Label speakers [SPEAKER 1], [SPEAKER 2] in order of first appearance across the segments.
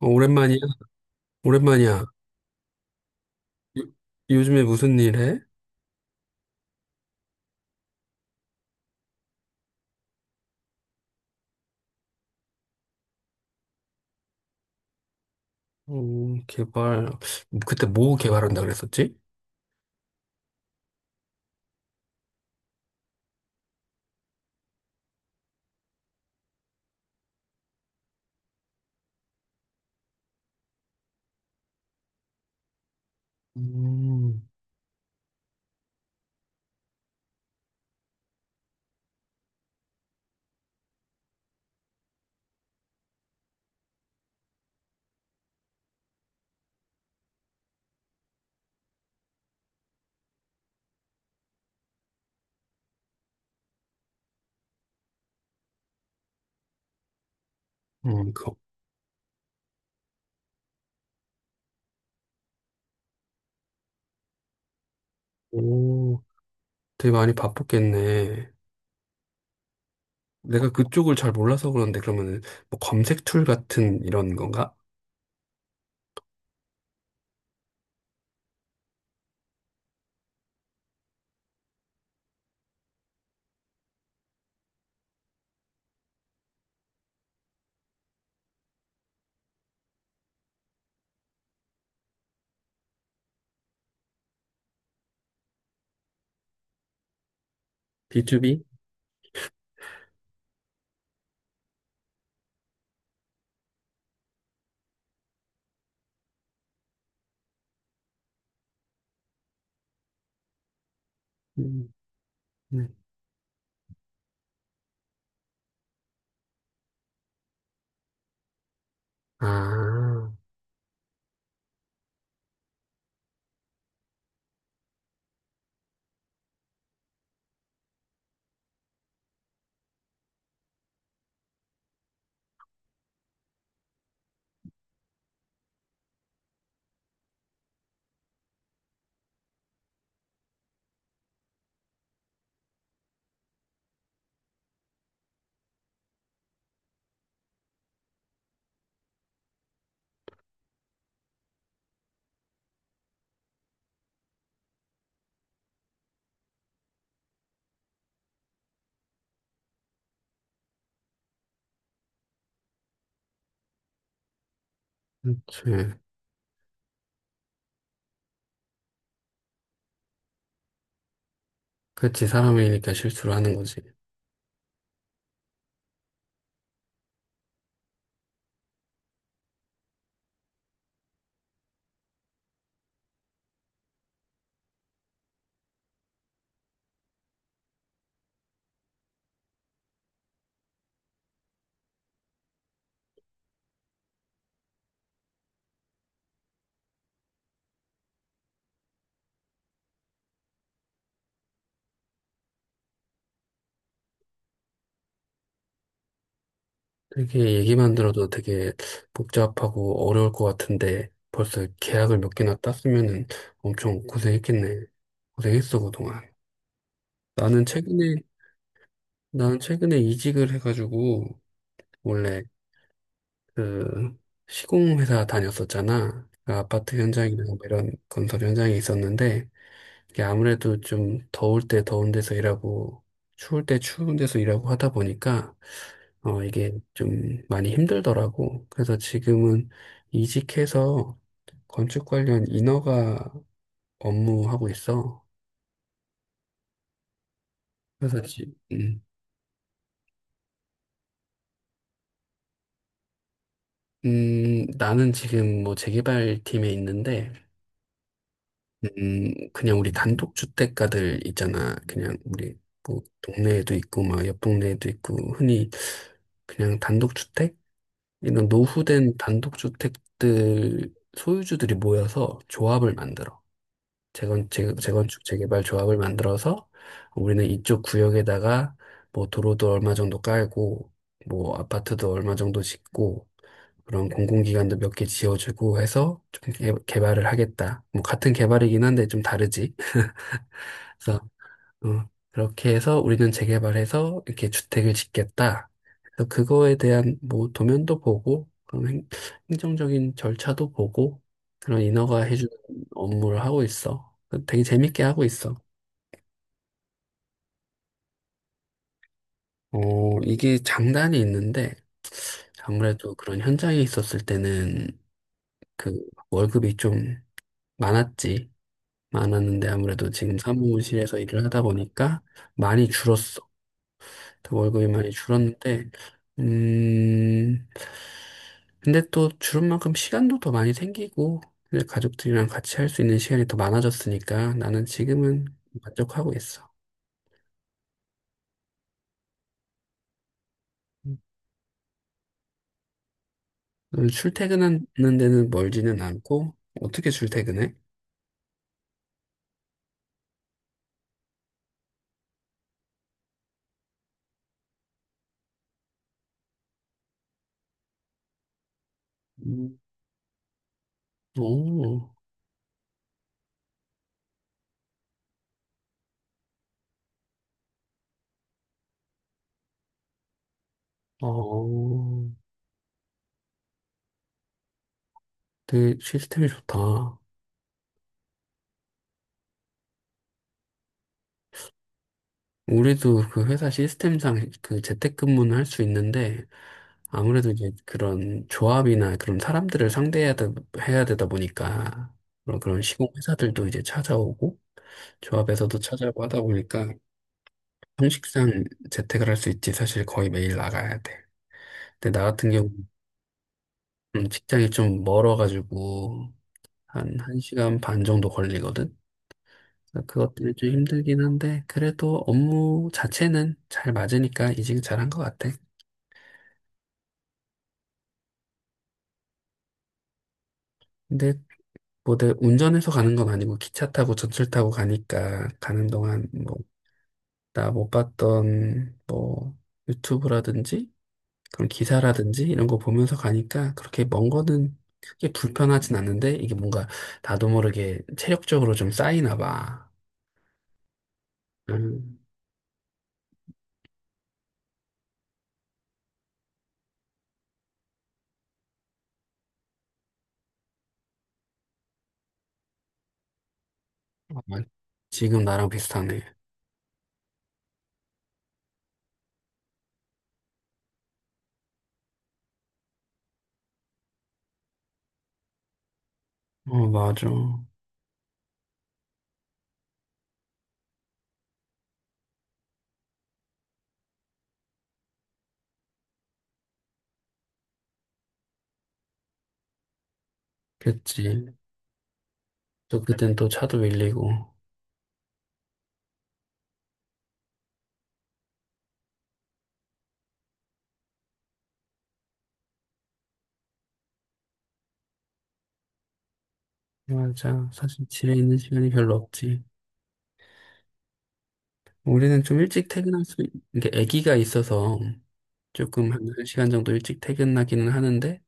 [SPEAKER 1] 어, 오랜만이야? 오랜만이야. 요, 요즘에 무슨 일 해? 개발. 그때 뭐 개발한다 그랬었지? 음, 그, 오, 되게 많이 바쁘겠네. 내가 그쪽을 잘 몰라서 그런데 그러면은 뭐 검색 툴 같은 이런 건가? B2B? 음, 음. 아, 그렇지. 그렇지. 사람이니까 실수를 하는 거지. 되게 얘기만 들어도 되게 복잡하고 어려울 것 같은데 벌써 계약을 몇 개나 땄으면은 엄청 고생했겠네. 고생했어, 그동안. 나는 최근에, 나는 최근에 이직을 해가지고 원래 그 시공회사 다녔었잖아. 그 아파트 현장이나 이런 건설 현장에 있었는데 이게 아무래도 좀 더울 때 더운 데서 일하고 추울 때 추운 데서 일하고 하다 보니까 이게 좀 많이 힘들더라고. 그래서 지금은 이직해서 건축 관련 인허가 업무하고 있어. 그래서 나는 지금 뭐 재개발 팀에 있는데 그냥 우리 단독 주택가들 있잖아. 그냥 우리 뭐 동네에도 있고 막 옆 동네에도 있고 흔히 그냥 단독 주택 이런 노후된 단독주택들 소유주들이 모여서 조합을 만들어. 재건축, 재개발 조합을 만들어서 우리는 이쪽 구역에다가 뭐 도로도 얼마 정도 깔고 뭐 아파트도 얼마 정도 짓고 그런 공공기관도 몇 개 지어주고 해서 좀 개발을 하겠다. 뭐 같은 개발이긴 한데 좀 다르지. 그래서 그렇게 해서 우리는 재개발해서 이렇게 주택을 짓겠다. 그래서 그거에 대한 뭐 도면도 보고, 그런 행정적인 절차도 보고, 그런 인허가 해주는 업무를 하고 있어. 되게 재밌게 하고 있어. 이게 장단이 있는데, 아무래도 그런 현장에 있었을 때는 그 월급이 좀 많았지. 많았는데 아무래도 지금 사무실에서 일을 하다 보니까 많이 줄었어. 월급이 많이 줄었는데, 음, 근데 또 주름 만큼 시간도 더 많이 생기고, 근데 가족들이랑 같이 할 수 있는 시간이 더 많아졌으니까 나는 지금은 만족하고 있어. 출퇴근하는 데는 멀지는 않고, 어떻게 출퇴근해? 음. 오, 어, 되게 시스템이 좋다. 우리도 그 회사 시스템상 그 재택근무는 할 수 있는데, 아무래도 이제 그런 조합이나 그런 사람들을 해야 되다 보니까, 그런 시공 회사들도 이제 찾아오고, 조합에서도 찾아고 하다 보니까 형식상 재택을 할 수 있지 사실 거의 매일 나가야 돼. 근데 나 같은 경우 직장이 좀 멀어가지고 한 1시간 반 정도 걸리거든. 그래서 그것 들이 좀 힘들긴 한데 그래도 업무 자체는 잘 맞으니까 이직 잘한 것 같아. 근데 뭐 내 운전해서 가는 건 아니고 기차 타고 전철 타고 가니까 가는 동안 뭐 나 못 봤던 뭐 유튜브라든지 그런 기사라든지 이런 거 보면서 가니까 그렇게 먼 거는 이게 불편하진 않는데 이게 뭔가 나도 모르게 체력적으로 좀 쌓이나 봐. 음, 아, 지금 나랑 비슷하네. 어, 맞아. 그랬지. 또 그땐 또 차도 밀리고. 맞아. 사실 집에 있는 시간이 별로 없지. 우리는 좀 일찍 퇴근할 수, 이게 아기가 있어서 조금 한 한 시간 정도 일찍 퇴근하기는 하는데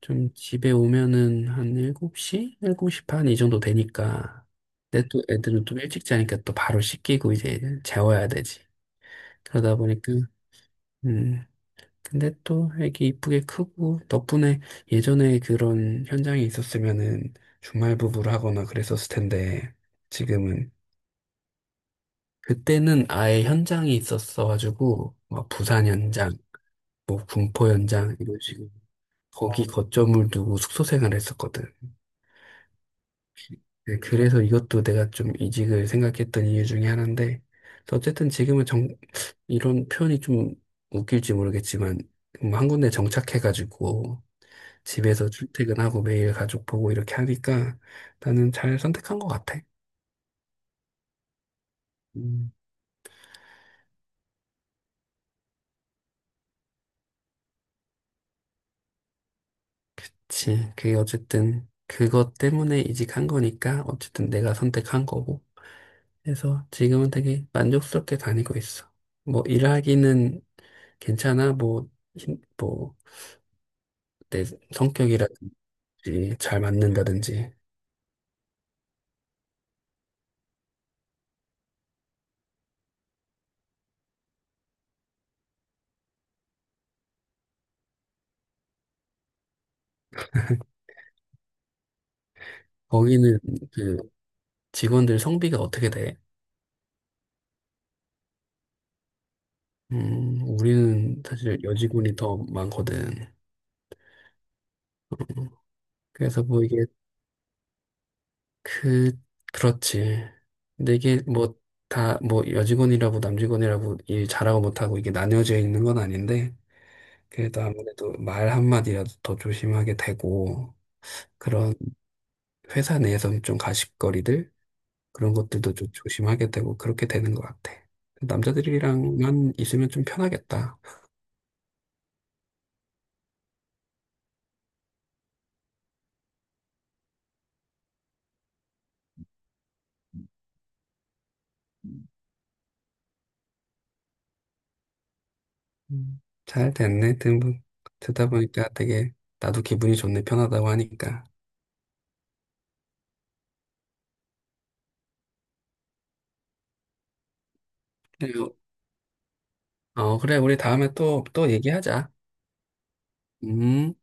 [SPEAKER 1] 좀 집에 오면은 한 7시? 7시 반 이 정도 되니까 근데 또 애들은 좀 일찍 자니까 또 바로 씻기고 이제 재워야 되지. 그러다 보니까 음 근데 또 애기 이쁘게 크고 덕분에 예전에 그런 현장에 있었으면은 주말 부부를 하거나 그랬었을 텐데 지금은 그때는 아예 현장이 있었어가지고 뭐 부산 현장, 뭐 군포 현장 이런 식으로 거기 거점을 두고 숙소 생활을 했었거든. 네, 그래서 이것도 내가 좀 이직을 생각했던 이유 중에 하나인데, 어쨌든 지금은 이런 표현이 좀 웃길지 모르겠지만, 한 군데 정착해가지고, 집에서 출퇴근하고 매일 가족 보고 이렇게 하니까 나는 잘 선택한 것 같아. 음, 그치. 그게 어쨌든 그것 때문에 이직한 거니까 어쨌든 내가 선택한 거고. 그래서 지금은 되게 만족스럽게 다니고 있어. 뭐 일하기는 괜찮아? 뭐, 뭐, 내 성격이라든지 잘 맞는다든지. 거기는 그 직원들 성비가 어떻게 돼? 우리는 사실 여직원이 더 많거든. 그래서 뭐 이게 그, 그렇지. 근데 이게 뭐 다 뭐 여직원이라고 남직원이라고 일 잘하고 못하고 이게 나뉘어져 있는 건 아닌데 그래도 아무래도 말 한마디라도 더 조심하게 되고 그런 회사 내에서는 좀 가십거리들 그런 것들도 좀 조심하게 되고 그렇게 되는 것 같아. 남자들이랑만 있으면 좀 편하겠다. 음, 잘 됐네. 듣다 보니까 되게 나도 기분이 좋네. 편하다고 하니까. 그래요. 어, 그래. 우리 다음에 또, 또 얘기하자. 음.